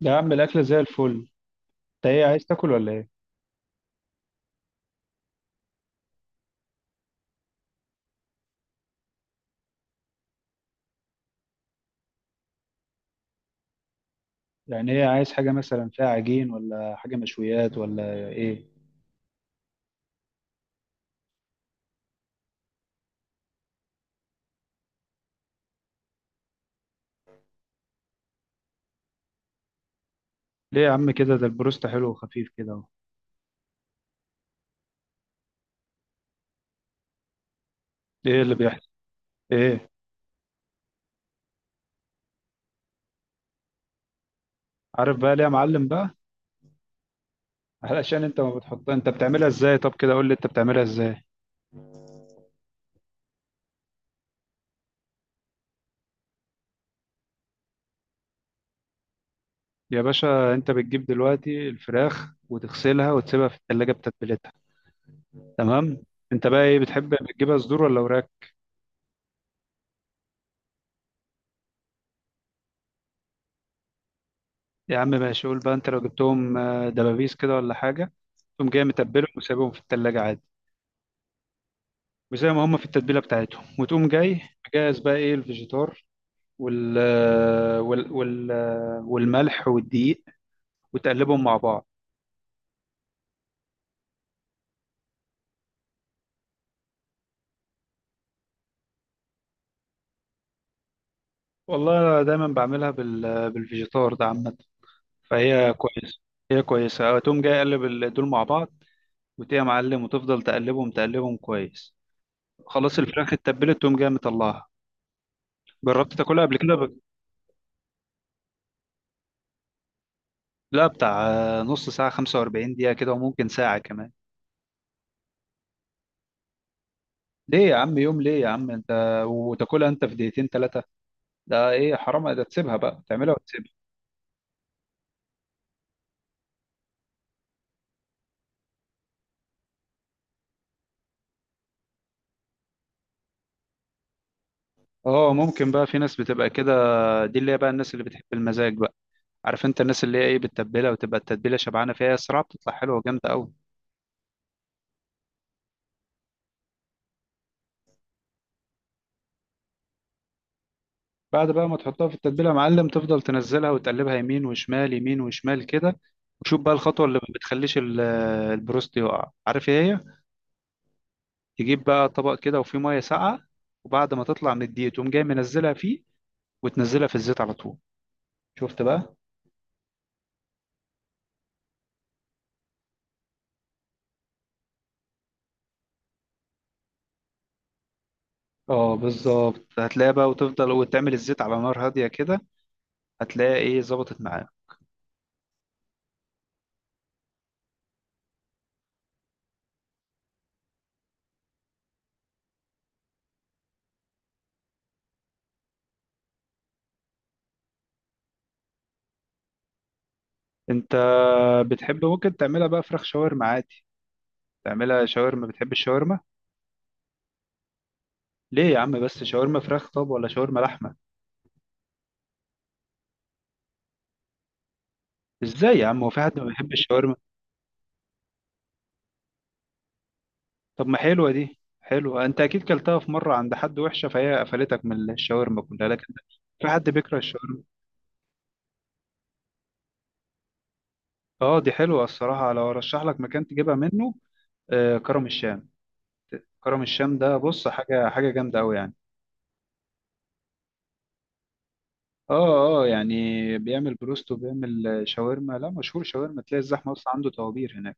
يا عم الأكلة زي الفل. انت ايه عايز تاكل ولا ايه؟ يعني ايه، عايز حاجة مثلا فيها عجين ولا حاجة مشويات ولا ايه؟ ليه يا عم كده، ده البروست حلو وخفيف كده اهو. ايه اللي بيحصل؟ ايه؟ عارف بقى ليه يا معلم بقى؟ علشان انت ما بتحطها، انت بتعملها ازاي؟ طب كده قول لي انت بتعملها ازاي. يا باشا انت بتجيب دلوقتي الفراخ وتغسلها وتسيبها في التلاجة بتتبيلتها. تمام. انت بقى ايه بتحب، بتجيبها صدور ولا وراك؟ يا عم ماشي، قول بقى انت لو جبتهم دبابيس كده ولا حاجة. تقوم جاي متبلهم وسايبهم في التلاجة عادي. وزي ما هم في التتبيله بتاعتهم وتقوم جاي مجهز بقى ايه الفيجيتار وال وال والملح والدقيق وتقلبهم مع بعض. والله أنا دايما بعملها بال بالفيجيتار ده، عامه فهي كويسه. هي كويسه. تقوم جاي قلب دول مع بعض، وتقوم معلم وتفضل تقلبهم تقلبهم كويس. خلاص الفراخ اتبلت، تقوم جاي مطلعها. جربت تاكلها قبل كده لا بتاع نص ساعه، 45 دقيقه كده وممكن ساعه كمان. ليه يا عم يوم؟ ليه يا عم انت؟ وتاكلها انت في دقيقتين ثلاثه؟ ده ايه، حرام ده، تسيبها بقى تعملها وتسيبها. اه ممكن بقى، في ناس بتبقى كده. دي اللي هي بقى الناس اللي بتحب المزاج بقى. عارف انت الناس اللي هي ايه، بتتبلها وتبقى التتبيله شبعانه فيها، الصراحه بتطلع حلوه وجامده قوي. بعد بقى ما تحطها في التتبيله يا معلم، تفضل تنزلها وتقلبها يمين وشمال، يمين وشمال كده. وشوف بقى الخطوه اللي ما بتخليش البروست يقع، عارف ايه هي؟ تجيب بقى طبق كده وفيه ميه ساقعه، وبعد ما تطلع من الدقيق تقوم جاي منزلها فيه، وتنزلها في الزيت على طول. شفت بقى؟ اه بالظبط، هتلاقيها بقى، وتفضل وتعمل الزيت على نار هادية كده. هتلاقيها ايه، ظبطت معاها. انت بتحب ممكن تعملها بقى فراخ شاورما عادي، تعملها شاورما. بتحب الشاورما؟ ليه يا عم بس، شاورما فراخ طب ولا شاورما لحمة؟ ازاي يا عم، هو في حد ما بيحبش الشاورما؟ طب ما حلوة، دي حلوة، انت اكيد كلتها في مرة عند حد وحشة فهي قفلتك من الشاورما كلها، لكن في حد بيكره الشاورما؟ اه دي حلوة الصراحة، لو ارشح لك مكان تجيبها منه، آه كرم الشام. كرم الشام ده بص حاجة، حاجة جامدة قوي يعني. اه. اه يعني بيعمل بروست وبيعمل شاورما، لا مشهور شاورما، تلاقي الزحمه اصلا عنده، طوابير هناك.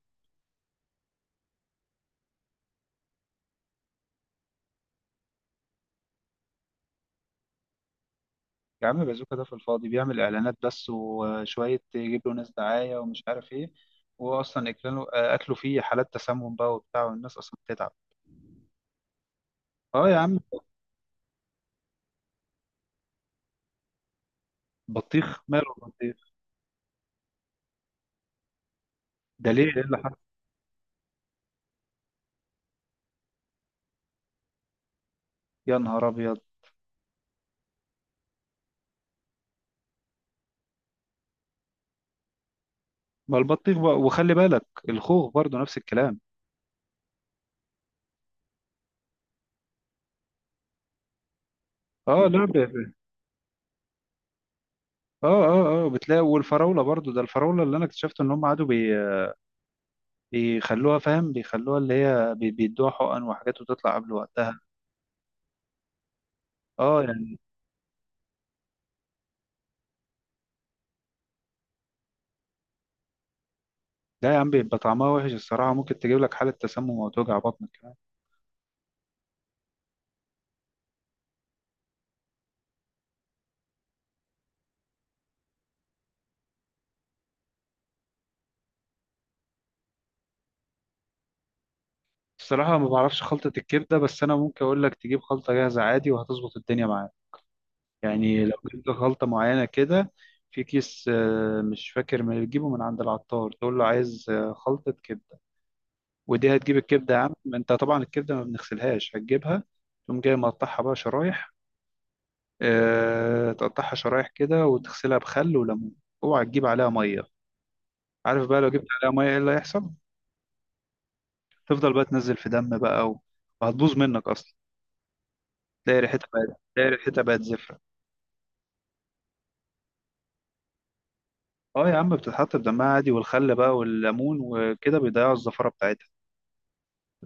يا عم بازوكا ده في الفاضي بيعمل اعلانات بس، وشويه يجيب له ناس دعايه ومش عارف ايه. هو اصلا اكله، اكله فيه حالات تسمم بقى وبتاع، والناس اصلا بتتعب. اه يا عم. بطيخ، ماله البطيخ؟ ده ليه، ايه اللي حصل؟ يا نهار ابيض. ما البطيخ بقى، وخلي بالك الخوخ برضو نفس الكلام. اه لا ب- اه اه اه بتلاقي، والفراوله برضو، ده الفراوله اللي انا اكتشفت ان هم قعدوا بيخلوها، فاهم، بيخلوها اللي هي بيدوها حقن وحاجات وتطلع قبل وقتها. اه يعني. لا يا عم، بيبقى طعمها وحش الصراحة، ممكن تجيب لك حالة تسمم وتوجع بطنك كمان. الصراحة ما بعرفش خلطة الكبدة، بس أنا ممكن أقول لك تجيب خلطة جاهزة عادي وهتظبط الدنيا معاك. يعني لو جبت خلطة معينة كده في كيس، مش فاكر، من تجيبه من عند العطار، تقول له عايز خلطة كبدة. ودي هتجيب الكبدة يا عم، أنت طبعا الكبدة ما بنغسلهاش، هتجيبها تقوم جاي مقطعها بقى شرايح. تقطعها شرايح كده وتغسلها بخل وليمون، اوعى تجيب عليها ميه. عارف بقى لو جبت عليها ميه ايه اللي هيحصل؟ تفضل بقى تنزل في دم بقى وهتبوظ منك اصلا، تلاقي ريحتها بقت زفره. اه يا عم بتتحط بدمها عادي، والخل بقى والليمون وكده بيضيعوا الزفره بتاعتها،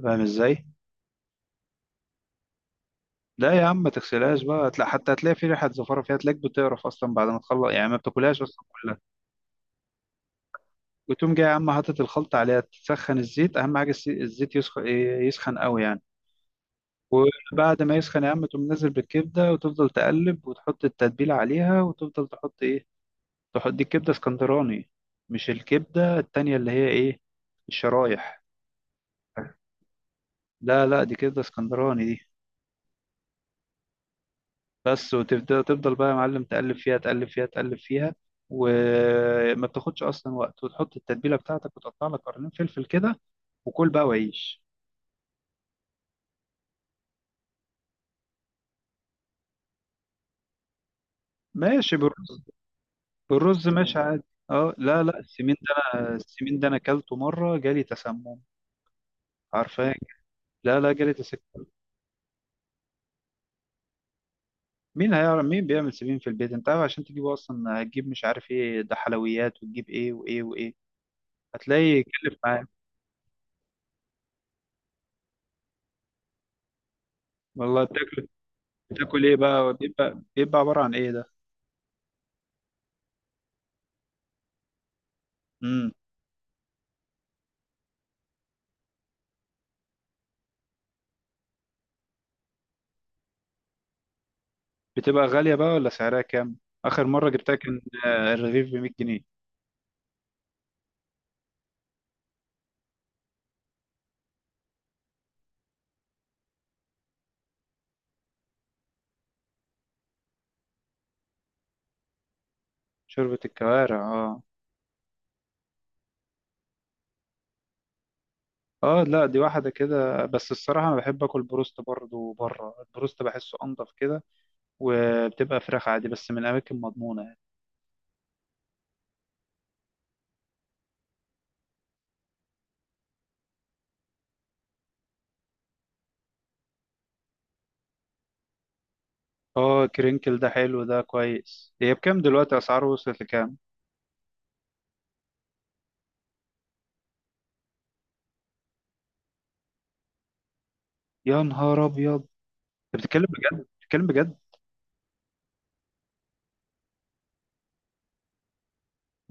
فاهم ازاي. لا يا عم ما تغسلهاش بقى، هتلاقي حتى هتلاقي في ريحه زفره فيها، تلاقيك بتقرف اصلا بعد ما تخلص يعني، ما بتاكلهاش اصلا كلها. وتقوم جاي يا عم حاطط الخلطه عليها، تسخن الزيت، اهم حاجه الزيت يسخن، يسخن قوي يعني. وبعد ما يسخن يا عم، تقوم نازل بالكبدة وتفضل تقلب وتحط التتبيلة عليها، وتفضل تحط ايه، تحط دي الكبدة اسكندراني، مش الكبدة التانية اللي هي ايه، الشرايح. لا لا دي كبدة اسكندراني دي. بس وتفضل، تفضل بقى يا معلم تقلب فيها تقلب فيها تقلب فيها، وما بتاخدش اصلا وقت، وتحط التتبيلة بتاعتك وتقطع لك قرنين فلفل كده، وكل بقى وعيش. ماشي بالرز، بالرز ماشي عادي. اه لا لا، السمين ده انا، السمين ده انا اكلته مرة جالي تسمم. عارفاك. لا لا جريت السكة. مين هيعرف مين بيعمل سمين في البيت؟ انت عارف عشان تجيبه اصلا، هتجيب مش عارف ايه ده، حلويات، وتجيب ايه وايه وايه، هتلاقي يكلف معاك. والله بتاكل، بتاكل ايه بقى؟ بيبقى عبارة عن ايه ده؟ امم. بتبقى غالية بقى ولا سعرها كام؟ اخر مرة جبتها كان، الرغيف ب 100 جنيه. شوربة الكوارع، اه. اه لا دي واحدة كده، بس الصراحة انا بحب اكل بروست برضه بره، البروست بحسه انضف كده، وبتبقى فراخ عادي بس من اماكن مضمونة. اه كرينكل ده حلو، ده كويس. هي بكام دلوقتي، اسعاره وصلت لكام؟ يا نهار ابيض. انت بتتكلم بجد، بتتكلم بجد؟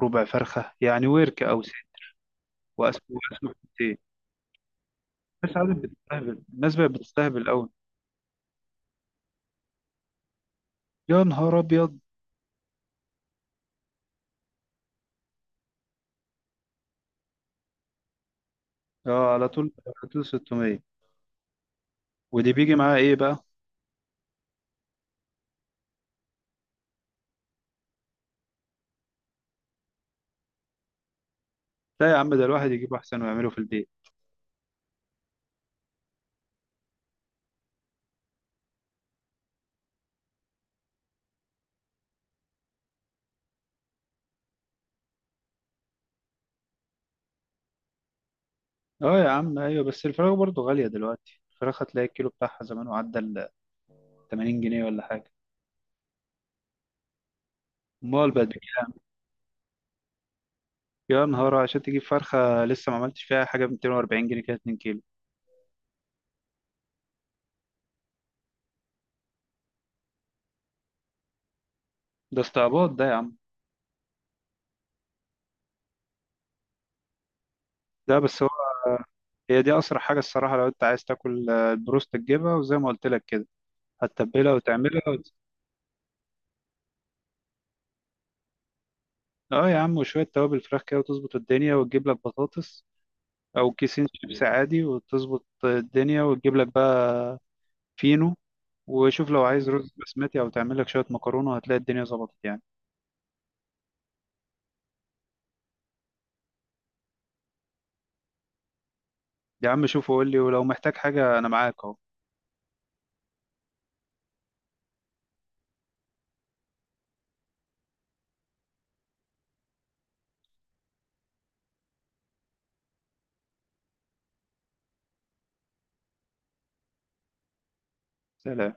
ربع فرخه يعني ورك او سي. واسمه، واسمه سي. الناس عادة بتستهبل، الناس بقت بتستهبل قوي. يا نهار ابيض. اه على طول، على طول 600. ودي بيجي معاها ايه بقى؟ لا يا عم ده الواحد يجيب احسن ويعمله في البيت. اه يا عم ايوه، بس الفراخ برضه غاليه دلوقتي، الفراخ هتلاقي الكيلو بتاعها زمان وعدى ال 80 جنيه ولا حاجه. امال بقت بكام؟ يا نهار، عشان تجيب فرخة لسه ما عملتش فيها حاجة ب 240 جنيه كده، 2 كيلو. ده استعباط ده يا عم. ده بس هو. هي دي أسرع حاجة الصراحة، لو أنت عايز تاكل البروست، تجيبها وزي ما قلت لك كده، هتتبلها وتعملها اه يا عم، وشوية توابل فراخ كده، وتظبط الدنيا وتجيب لك بطاطس أو كيسين شيبس عادي، وتظبط الدنيا وتجيب لك بقى فينو. وشوف لو عايز رز بسمتي أو تعمل لك شوية مكرونة هتلاقي الدنيا ظبطت يعني. يا عم شوف وقول لي، ولو محتاج حاجة أنا معاك أهو. سلام.